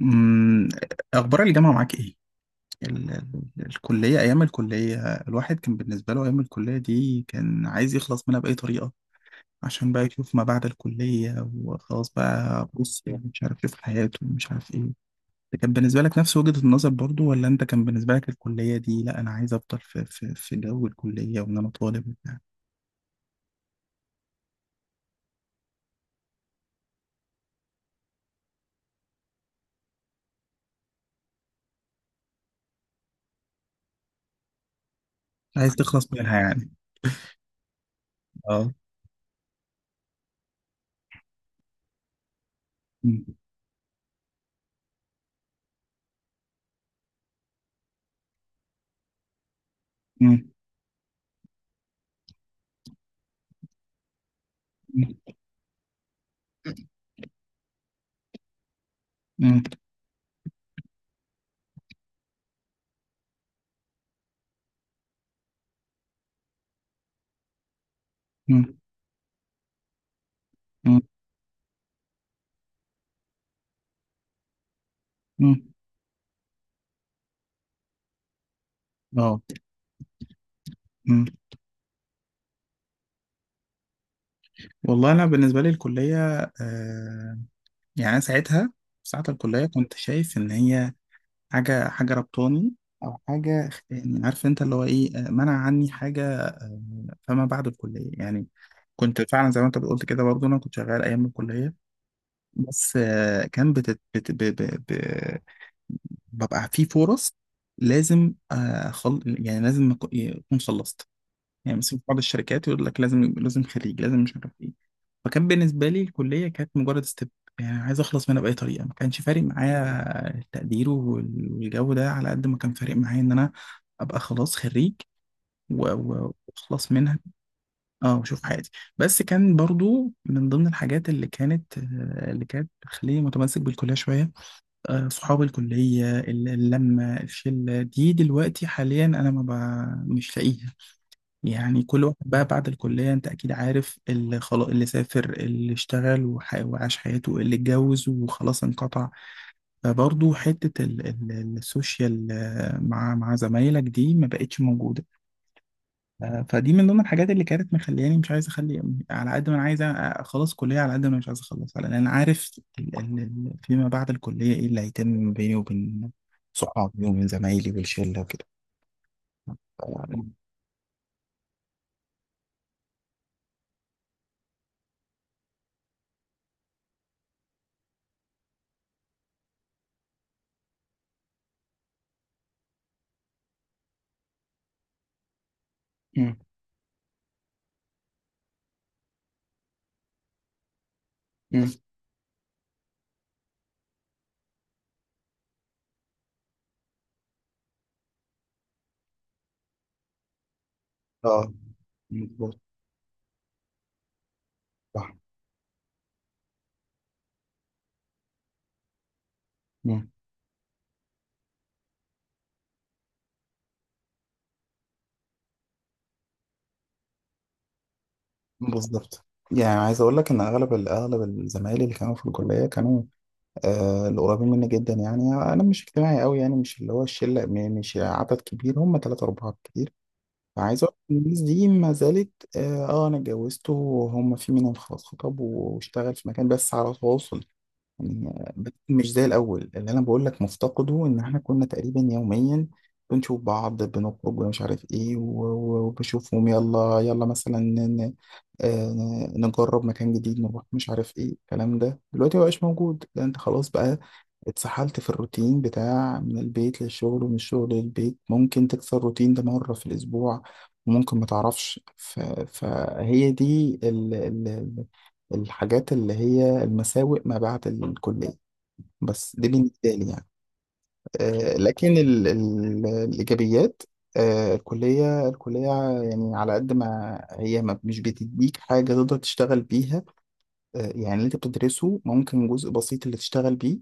أمم، أخبار الجامعة معاك إيه؟ الكلية، أيام الكلية. الواحد كان بالنسبة له أيام الكلية دي كان عايز يخلص منها بأي طريقة، عشان بقى يشوف ما بعد الكلية. وخلاص بقى بص، يعني مش عارف يشوف حياته ومش عارف إيه. ده كان بالنسبة لك نفس وجهة النظر برضو؟ ولا أنت كان بالنسبة لك الكلية دي لأ، أنا عايز أفضل في جو الكلية، وإن أنا طالب وبتاع؟ عايز تخلص منها يعني؟ أه. أمم. أمم. أمم. أمم. أمم. أمم. أه. والله انا بالنسبه لي الكليه، آه، يعني انا ساعتها، ساعه الكليه كنت شايف ان هي حاجه ربطاني، او حاجه، عارف انت اللي هو ايه، منع عني حاجه. فما بعد الكليه يعني، كنت فعلا زي ما انت قلت كده برضه، انا كنت شغال ايام الكليه. بس كان بتت بت ب ب ب ببقى في فرص، لازم، آه خل... يعني لازم اكون خلصت. يعني مثلا في بعض الشركات يقول لك لازم خريج، لازم مش عارف إيه. فكان بالنسبة لي الكلية كانت مجرد ستيب، يعني عايز أخلص منها بأي طريقة. ما كانش فارق معايا التقدير والجو ده، على قد ما كان فارق معايا إن أنا أبقى خلاص خريج وأخلص منها. أه، وأشوف حياتي. بس كان برضو من ضمن الحاجات اللي كانت اللي كانت بتخليني متمسك بالكلية شوية. آه، صحاب الكلية، اللمة، الشلة دي دلوقتي حاليا أنا ما ب- مش لاقيها. يعني كل واحد بقى بعد الكلية، انت اكيد عارف، اللي خلاص اللي سافر اللي اشتغل وعاش حياته، اللي اتجوز وخلاص انقطع. فبرضه حتة السوشيال، آه، مع زمايلك دي ما بقتش موجودة. آه، فدي من ضمن الحاجات اللي كانت مخلياني مش عايز اخلي. على قد ما انا عايز اخلص كلية، على قد ما انا مش عايز اخلص، لان انا عارف فيما بعد الكلية ايه اللي هيتم بيني وبين صحابي وبين زمايلي والشلة وكده. ف- مم. مم. اه، مظبوط. صح. بالظبط. يعني عايز اقول لك ان اغلب اغلب الزمايل اللي كانوا في الكليه كانوا، آه، القريبين مني جدا. يعني انا مش اجتماعي قوي، يعني مش اللي هو الشله، مش عدد كبير، هم ثلاثه اربعه كتير. فعايز اقول لك إن الناس دي ما زالت. اه، آه، انا اتجوزت، وهم في منهم خلاص خطب واشتغل في مكان، بس على تواصل. يعني مش زي الأول اللي أنا بقول لك، مفتقده إن إحنا كنا تقريبا يوميا بنشوف بعض بنخرج ومش عارف إيه وبشوفهم. يلا يلا مثلا آه، نجرب مكان جديد، نروح مش عارف إيه. الكلام ده دلوقتي مبقاش موجود. ده أنت خلاص بقى اتسحلت في الروتين بتاع من البيت للشغل ومن الشغل للبيت، ممكن تكسر الروتين ده مرة في الأسبوع، وممكن ما تعرفش. فهي دي الحاجات اللي هي المساوئ ما بعد الكلية، بس دي بالنسبة لي يعني. آه، لكن ال ال الإيجابيات. آه، الكلية الكلية، يعني على قد ما هي ما مش بتديك حاجة تقدر تشتغل بيها. آه، يعني اللي انت بتدرسه ممكن جزء بسيط اللي تشتغل بيه.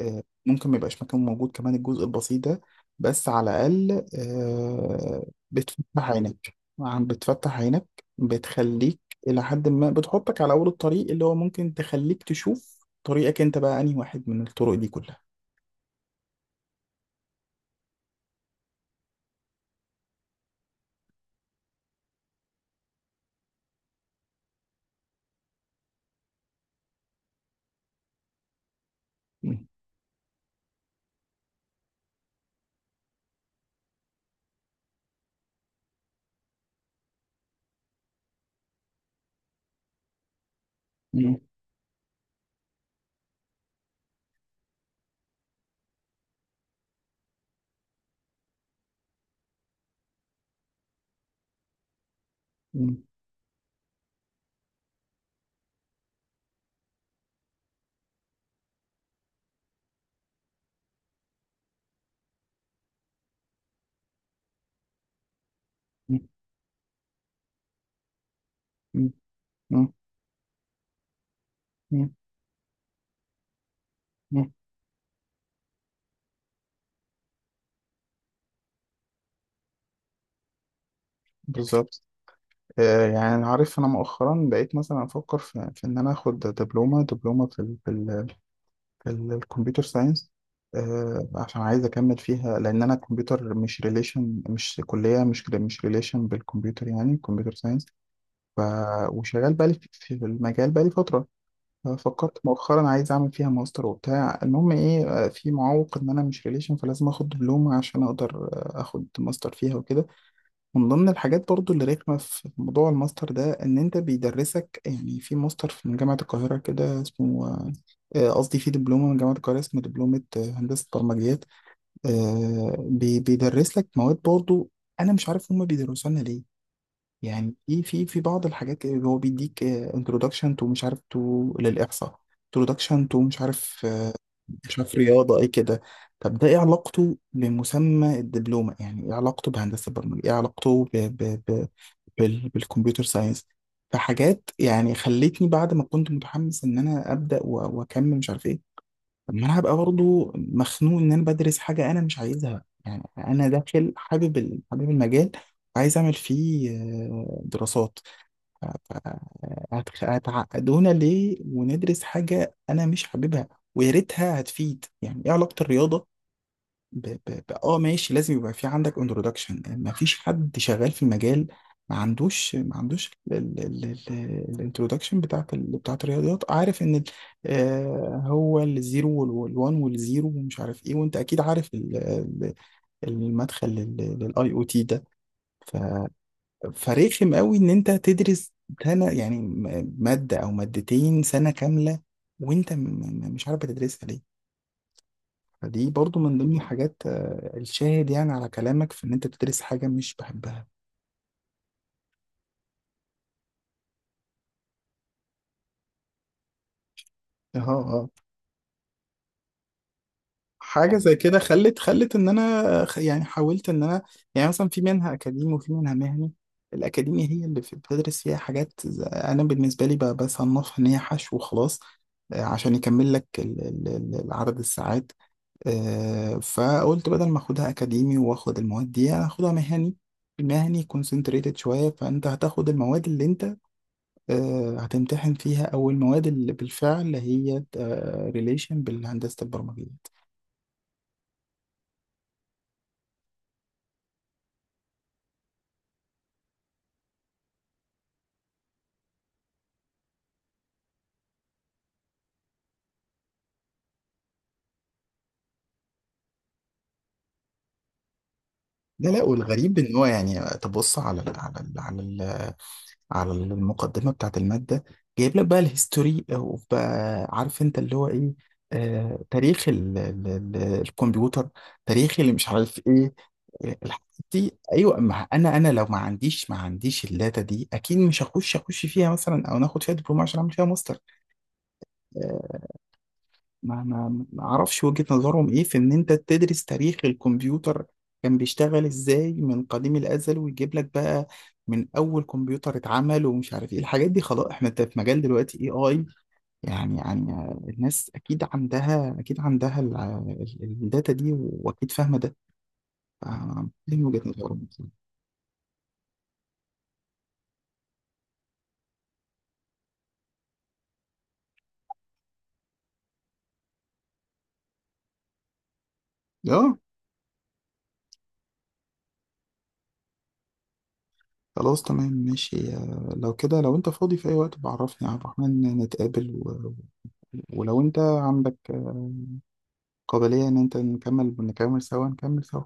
آه، ممكن ما يبقاش مكان موجود كمان الجزء البسيط ده. بس على الأقل، آه، بتفتح عينك، بتفتح عينك، بتخليك إلى حد ما، بتحطك على أول الطريق، اللي هو ممكن تخليك تشوف طريقك أنت بقى أنهي واحد من الطرق دي كلها. م. م. م. م. م. م. م. م. بالظبط. آه، يعني عارف، أنا مؤخرا بقيت مثلا أفكر في, في إن أنا آخد دبلومة في، الكمبيوتر ساينس. آه، عشان عايز اكمل فيها، لان انا الكمبيوتر مش ريليشن، مش كليه مش ريليشن بالكمبيوتر، يعني كمبيوتر ساينس. ف وشغال بقالي في المجال بقالي فتره. ففكرت مؤخرا عايز اعمل فيها ماستر وبتاع، المهم ايه، آه، في معوق ان انا مش ريليشن، فلازم اخد دبلومه عشان اقدر، آه، اخد ماستر فيها وكده. من ضمن الحاجات برضو اللي رخمة في موضوع الماستر ده إن أنت بيدرسك، يعني في ماستر في من جامعة القاهرة كده اسمه، آه، قصدي في دبلومة من جامعة القاهرة اسمه دبلومة، آه، هندسة برمجيات. آه، بيدرس لك مواد برضو. أنا مش عارف هما بيدرسوا لنا ليه. يعني في بعض الحاجات اللي هو بيديك انترودكشن تو مش عارف، تو للإحصاء. introduction to مش عارف. شاف رياضة ايه كده. طب ده ايه علاقته بمسمى الدبلومة؟ يعني ايه علاقته بهندسة البرمجة؟ ايه علاقته بالكمبيوتر ساينس؟ فحاجات يعني خلتني بعد ما كنت متحمس ان انا ابدا واكمل مش عارف ايه. طب ما انا هبقى برضه مخنوق ان انا بدرس حاجة انا مش عايزها، يعني انا داخل حابب حابب المجال، وعايز اعمل فيه، آه، دراسات. هتعقدونا ليه وندرس حاجة أنا مش حاببها؟ ويا ريتها هتفيد. يعني إيه علاقة الرياضة آه ماشي، لازم يبقى في عندك انترودكشن، مفيش حد شغال في المجال ما عندوش الانترودكشن بتاعت بتاعت الرياضيات. عارف إن آه، هو الزيرو والوان والزيرو ومش عارف إيه. وأنت أكيد عارف ال- المدخل للآي أو تي ده. ف فرخم قوي ان انت تدرس سنه، يعني ماده او مادتين سنه كامله، وانت مش عارف بتدرسها ليه. فدي برضو من ضمن الحاجات، آه، الشاهد يعني على كلامك في ان انت بتدرس حاجه مش بحبها. اه، اه. حاجه زي كده خلت ان انا حاولت ان انا، يعني مثلا في منها اكاديمي وفي منها مهني. الاكاديمي هي اللي بتدرس فيها حاجات، انا بالنسبه لي بصنفها ان هي حشو وخلاص، آه، عشان يكمل لك العدد الساعات. آه، فقلت بدل ما اخدها اكاديمي واخد المواد دي، هاخدها مهني. المهني كونسنتريتد شوية، فانت هتاخد المواد اللي انت، آه، هتمتحن فيها، او المواد اللي بالفعل هي ريليشن بالهندسة البرمجية. لا لا، والغريب ان هو، يعني تبص على ال، على المقدمة بتاعت المادة، جايب لك بقى الهيستوري، او بقى عارف انت اللي هو ايه، آه، تاريخ ال ال ال الكمبيوتر، تاريخ اللي مش عارف ايه الحاجات دي. ايوه، ما انا لو ما عنديش الداتا دي اكيد مش اخش فيها مثلا، او ناخد فيها دبلومه عشان اعمل فيها ماستر، آه، ما اعرفش وجهه نظرهم ايه في ان انت تدرس تاريخ الكمبيوتر كان بيشتغل ازاي من قديم الازل، ويجيب لك بقى من اول كمبيوتر اتعمل ومش عارف ايه الحاجات دي. خلاص، احنا في مجال دلوقتي AI، يعني آه، الناس اكيد عندها الداتا دي واكيد فاهمه ده، آه، دي من وجهه نظرهم. اه. خلاص، تمام ماشي، آه، لو كده لو انت فاضي في اي وقت بعرفني يا عبد الرحمن، نتقابل ولو انت عندك قابلية ان انت نكمل سوا.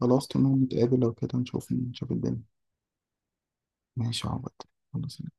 خلاص تمام، نتقابل لو كده، نشوف الدنيا. ماشي يا عبد. خلاص.